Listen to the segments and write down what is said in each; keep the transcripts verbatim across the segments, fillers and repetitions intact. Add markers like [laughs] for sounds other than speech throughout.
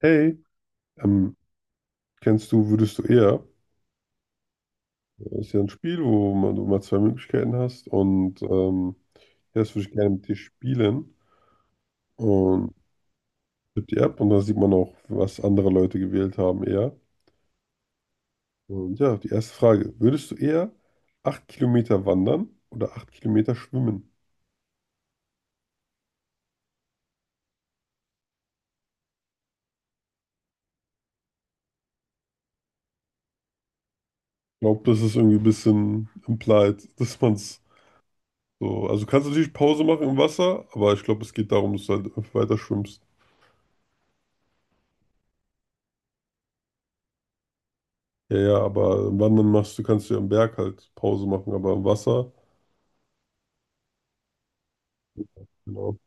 Hey, ähm, kennst du, würdest du eher? Das ist ja ein Spiel, wo man, du mal zwei Möglichkeiten hast und ähm, ja, das würde ich gerne mit dir spielen. Und tippt die App und dann sieht man auch, was andere Leute gewählt haben eher. Und ja, die erste Frage, würdest du eher acht Kilometer wandern oder acht Kilometer schwimmen? Ich glaube, das ist irgendwie ein bisschen implied, [laughs] dass man es so, also du kannst natürlich Pause machen im Wasser, aber ich glaube, es geht darum, dass du halt weiter schwimmst. Ja, ja, aber wandern machst du, kannst du am Berg halt Pause machen, aber am Wasser. Genau.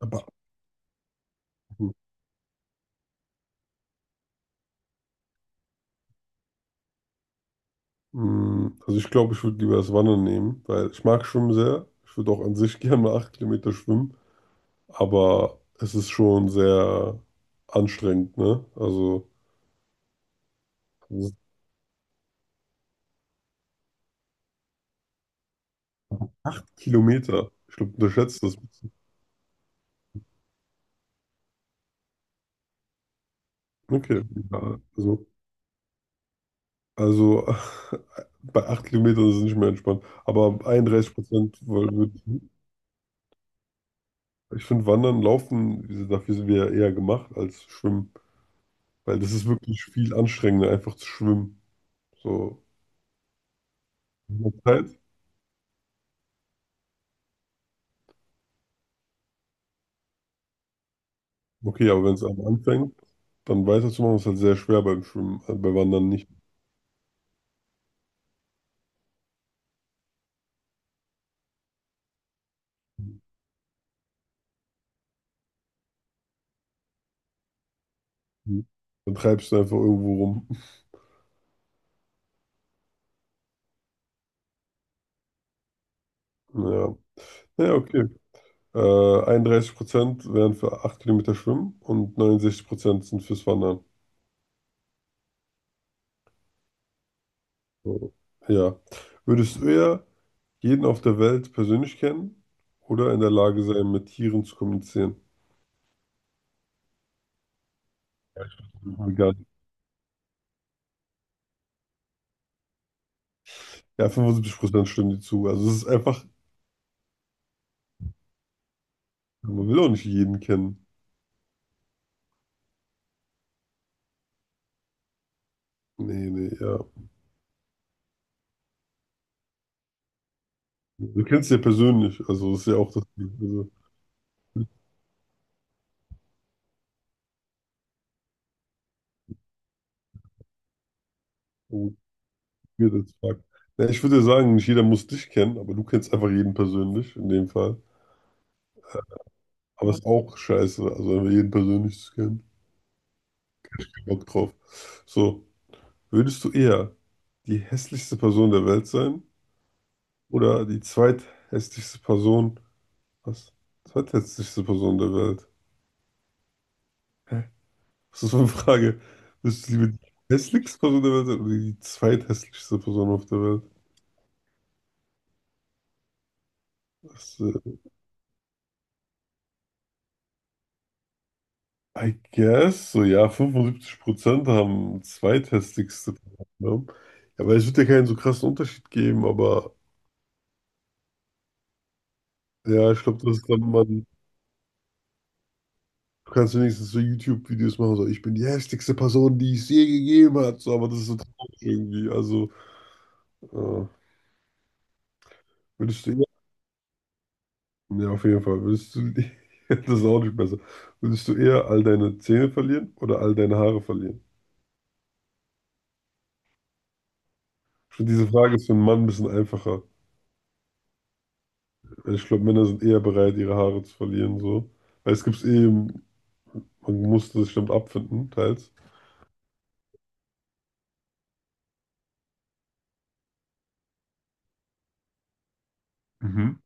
Aber, mh, also ich glaube, ich würde lieber das Wandern nehmen, weil ich mag Schwimmen sehr. Ich würde auch an sich [laughs] gerne mal acht Kilometer schwimmen, aber es ist schon sehr anstrengend, ne? Also das ist Kilometer. Ich glaube, du unterschätzt das ein bisschen. Okay. Ja, also, also [laughs] bei acht Kilometern ist es nicht mehr entspannt. Aber einunddreißig Prozent würde Ich finde Wandern, Laufen, wie gesagt, dafür sind wir ja eher gemacht als Schwimmen. Weil das ist wirklich viel anstrengender, einfach zu schwimmen. So, mit der Zeit. Okay, aber wenn es einmal anfängt, dann weiterzumachen, ist halt sehr schwer beim Schwimmen, äh, bei Wandern nicht. Dann treibst du einfach irgendwo rum. [laughs] Ja, ja, okay. Äh, Einunddreißig Prozent wären für acht Kilometer Schwimmen und neunundsechzig Prozent sind fürs Wandern. So. Ja. Würdest du eher jeden auf der Welt persönlich kennen oder in der Lage sein, mit Tieren zu kommunizieren? Egal. Ja, fünfundsiebzig Prozent stimmen dir zu. Also es ist einfach, man will auch nicht jeden kennen. Nee, nee, ja. Du kennst ja persönlich, also das ist ja auch das Ding. Also, wo wir das fragen. Ja, ich würde ja sagen, nicht jeder muss dich kennen, aber du kennst einfach jeden persönlich in dem Fall. Aber es ist auch scheiße, also einfach jeden persönlich zu kennen. Kein Bock drauf. So, würdest du eher die hässlichste Person der Welt sein oder die zweithässlichste Person, was? Zweithässlichste Person der Welt? Was ist meine Frage? Bist du lieber die hässlichste Person der Welt oder die zweithässlichste Person auf der Welt? Das, äh, I guess, so ja, fünfundsiebzig Prozent haben zweithässlichste Person. Ne? Ja, weil es wird ja keinen so krassen Unterschied geben, aber ja, ich glaube, das ist dann man. Du kannst wenigstens so YouTube-Videos machen, so ich bin die hässlichste Person, die es je gegeben hat, so, aber das ist so traurig irgendwie. Also, äh, würdest du Ja, auf jeden Fall. Würdest du, [laughs] das ist auch nicht besser. Würdest du eher all deine Zähne verlieren oder all deine Haare verlieren? Ich finde, diese Frage ist für einen Mann ein bisschen einfacher. Weil ich glaube, Männer sind eher bereit, ihre Haare zu verlieren, so. Weil es gibt eh, man muss das bestimmt abfinden, teils. Mhm.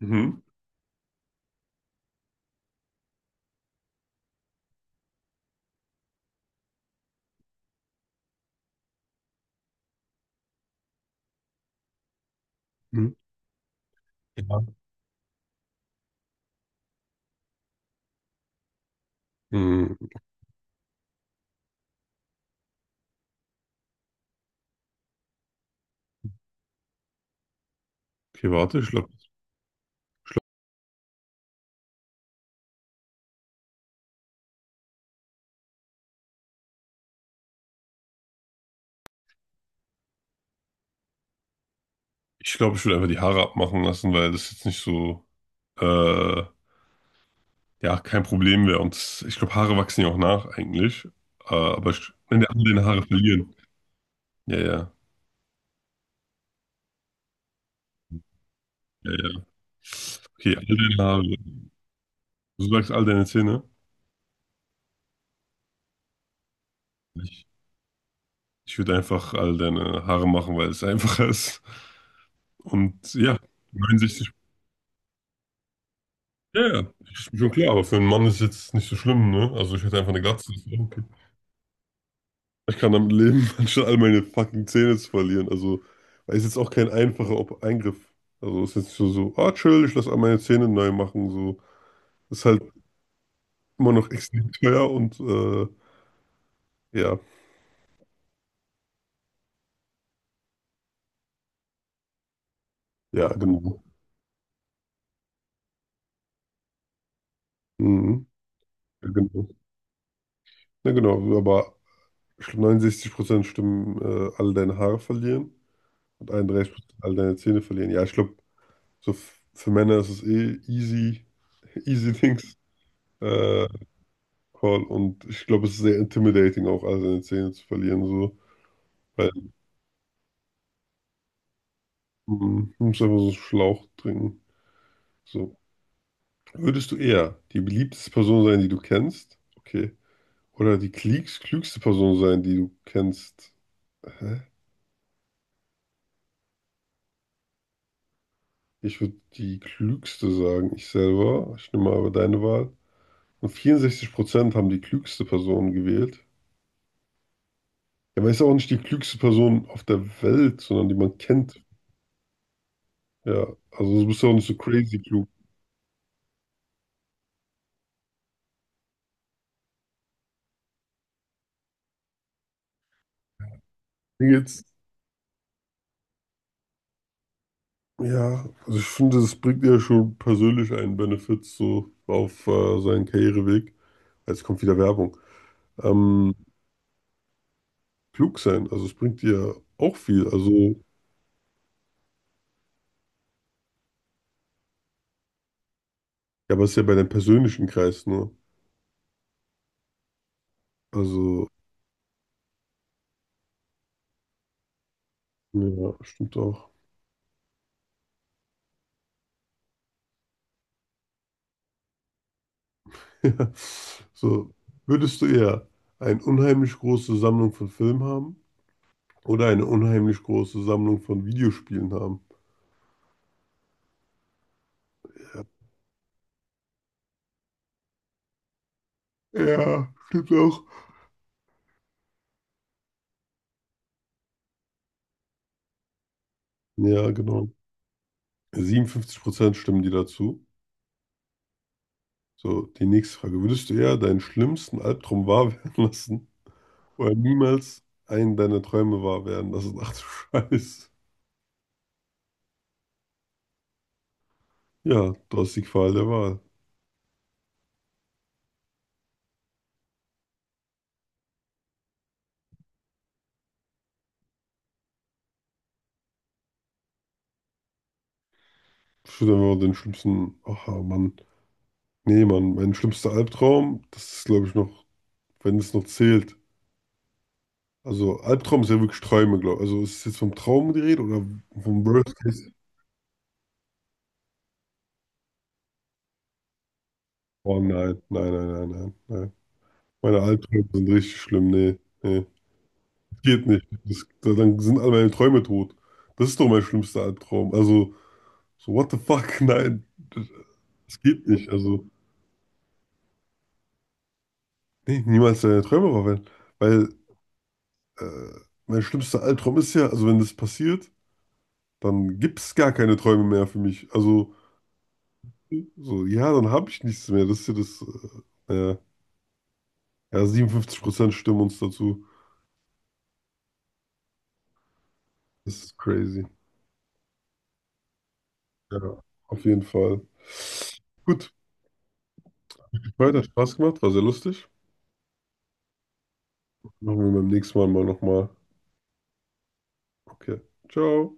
Mhm. Mhm. Ja. Mhm. Okay, warte, ich glaube, ich glaube, ich würde einfach die Haare abmachen lassen, weil das jetzt nicht so, äh, ja, kein Problem wäre. Und ich glaube, Haare wachsen ja auch nach eigentlich. Äh, aber ich, wenn der alle deine Haare verlieren. Ja, ja. Ja, ja. Okay, all deine Haare. Du sagst all deine Zähne. Ich, ich würde einfach all deine Haare machen, weil es einfacher ist. Und ja, neunundsechzig. Ja, ja, ist bin schon klar, aber für einen Mann ist jetzt nicht so schlimm, ne? Also ich hätte einfach eine Glatze. Das wäre okay. Ich kann damit leben, [laughs] anstatt all meine fucking Zähne zu verlieren. Also, weil es ist jetzt auch kein einfacher Ob Eingriff. Also ist jetzt nicht so, so, ah, chill, ich lasse all meine Zähne neu machen. So, ist halt immer noch extrem teuer und äh, ja, ja, genau. Mhm. Ja, genau. Na genau, aber neunundsechzig Prozent stimmen, äh, alle deine Haare verlieren und einunddreißig Prozent alle deine Zähne verlieren. Ja, ich glaube, so f- für Männer ist es eh easy, [laughs] easy things, äh, Call. Und ich glaube, es ist sehr intimidating, auch alle seine Zähne zu verlieren, so. Weil mm, du musst einfach so einen Schlauch trinken. So. Würdest du eher die beliebteste Person sein, die du kennst? Okay. Oder die klügst- klügste Person sein, die du kennst? Hä? Ich würde die klügste sagen, ich selber. Ich nehme aber deine Wahl. Und vierundsechzig Prozent haben die klügste Person gewählt. Ja, aber ist auch nicht die klügste Person auf der Welt, sondern die man kennt. Ja, also du bist ja auch nicht so crazy klug. Mir Jetzt, ja, also ich finde, das bringt ja schon persönlich einen Benefit so auf äh, seinen Karriereweg. Jetzt kommt wieder Werbung. Ähm, klug sein, also es bringt dir auch viel. Also, ja, aber es ist ja bei deinem persönlichen Kreis nur. Also, ja, stimmt auch. [laughs] Ja. So, würdest du eher eine unheimlich große Sammlung von Filmen haben oder eine unheimlich große Sammlung von Videospielen haben? Ja, stimmt auch. Ja, genau. Siebenundfünfzig Prozent stimmen dir dazu. So, die nächste Frage. Würdest du eher deinen schlimmsten Albtraum wahr werden lassen oder niemals einen deiner Träume wahr werden lassen? Ach du Scheiß. Ja, du hast die Qual der Wahl. Ich würde einfach den schlimmsten. Ach, Mann. Nee, Mann, mein schlimmster Albtraum, das ist, glaube ich, noch. Wenn es noch zählt. Also Albtraum ist ja wirklich Träume, glaube ich. Also ist es jetzt vom Traum die Rede oder vom Worst Case? Oh nein, nein, nein, nein, nein, nein. Meine Albträume sind richtig schlimm. Nee, nee. Geht nicht. Das, da- dann sind all meine Träume tot. Das ist doch mein schlimmster Albtraum. Also, so what the fuck? [laughs] Nein, das, das geht nicht. Also, nee, niemals deine Träume verwenden. Weil äh, mein schlimmster Albtraum ist ja, also wenn das passiert, dann gibt es gar keine Träume mehr für mich. Also, so, ja, dann habe ich nichts mehr. Das ist ja das. Äh, ja, ja, siebenundfünfzig Prozent stimmen uns dazu. Das ist crazy. Ja, auf jeden Fall. Gut, hat Spaß gemacht, war sehr lustig. Machen wir beim nächsten Mal mal nochmal. Okay, ciao.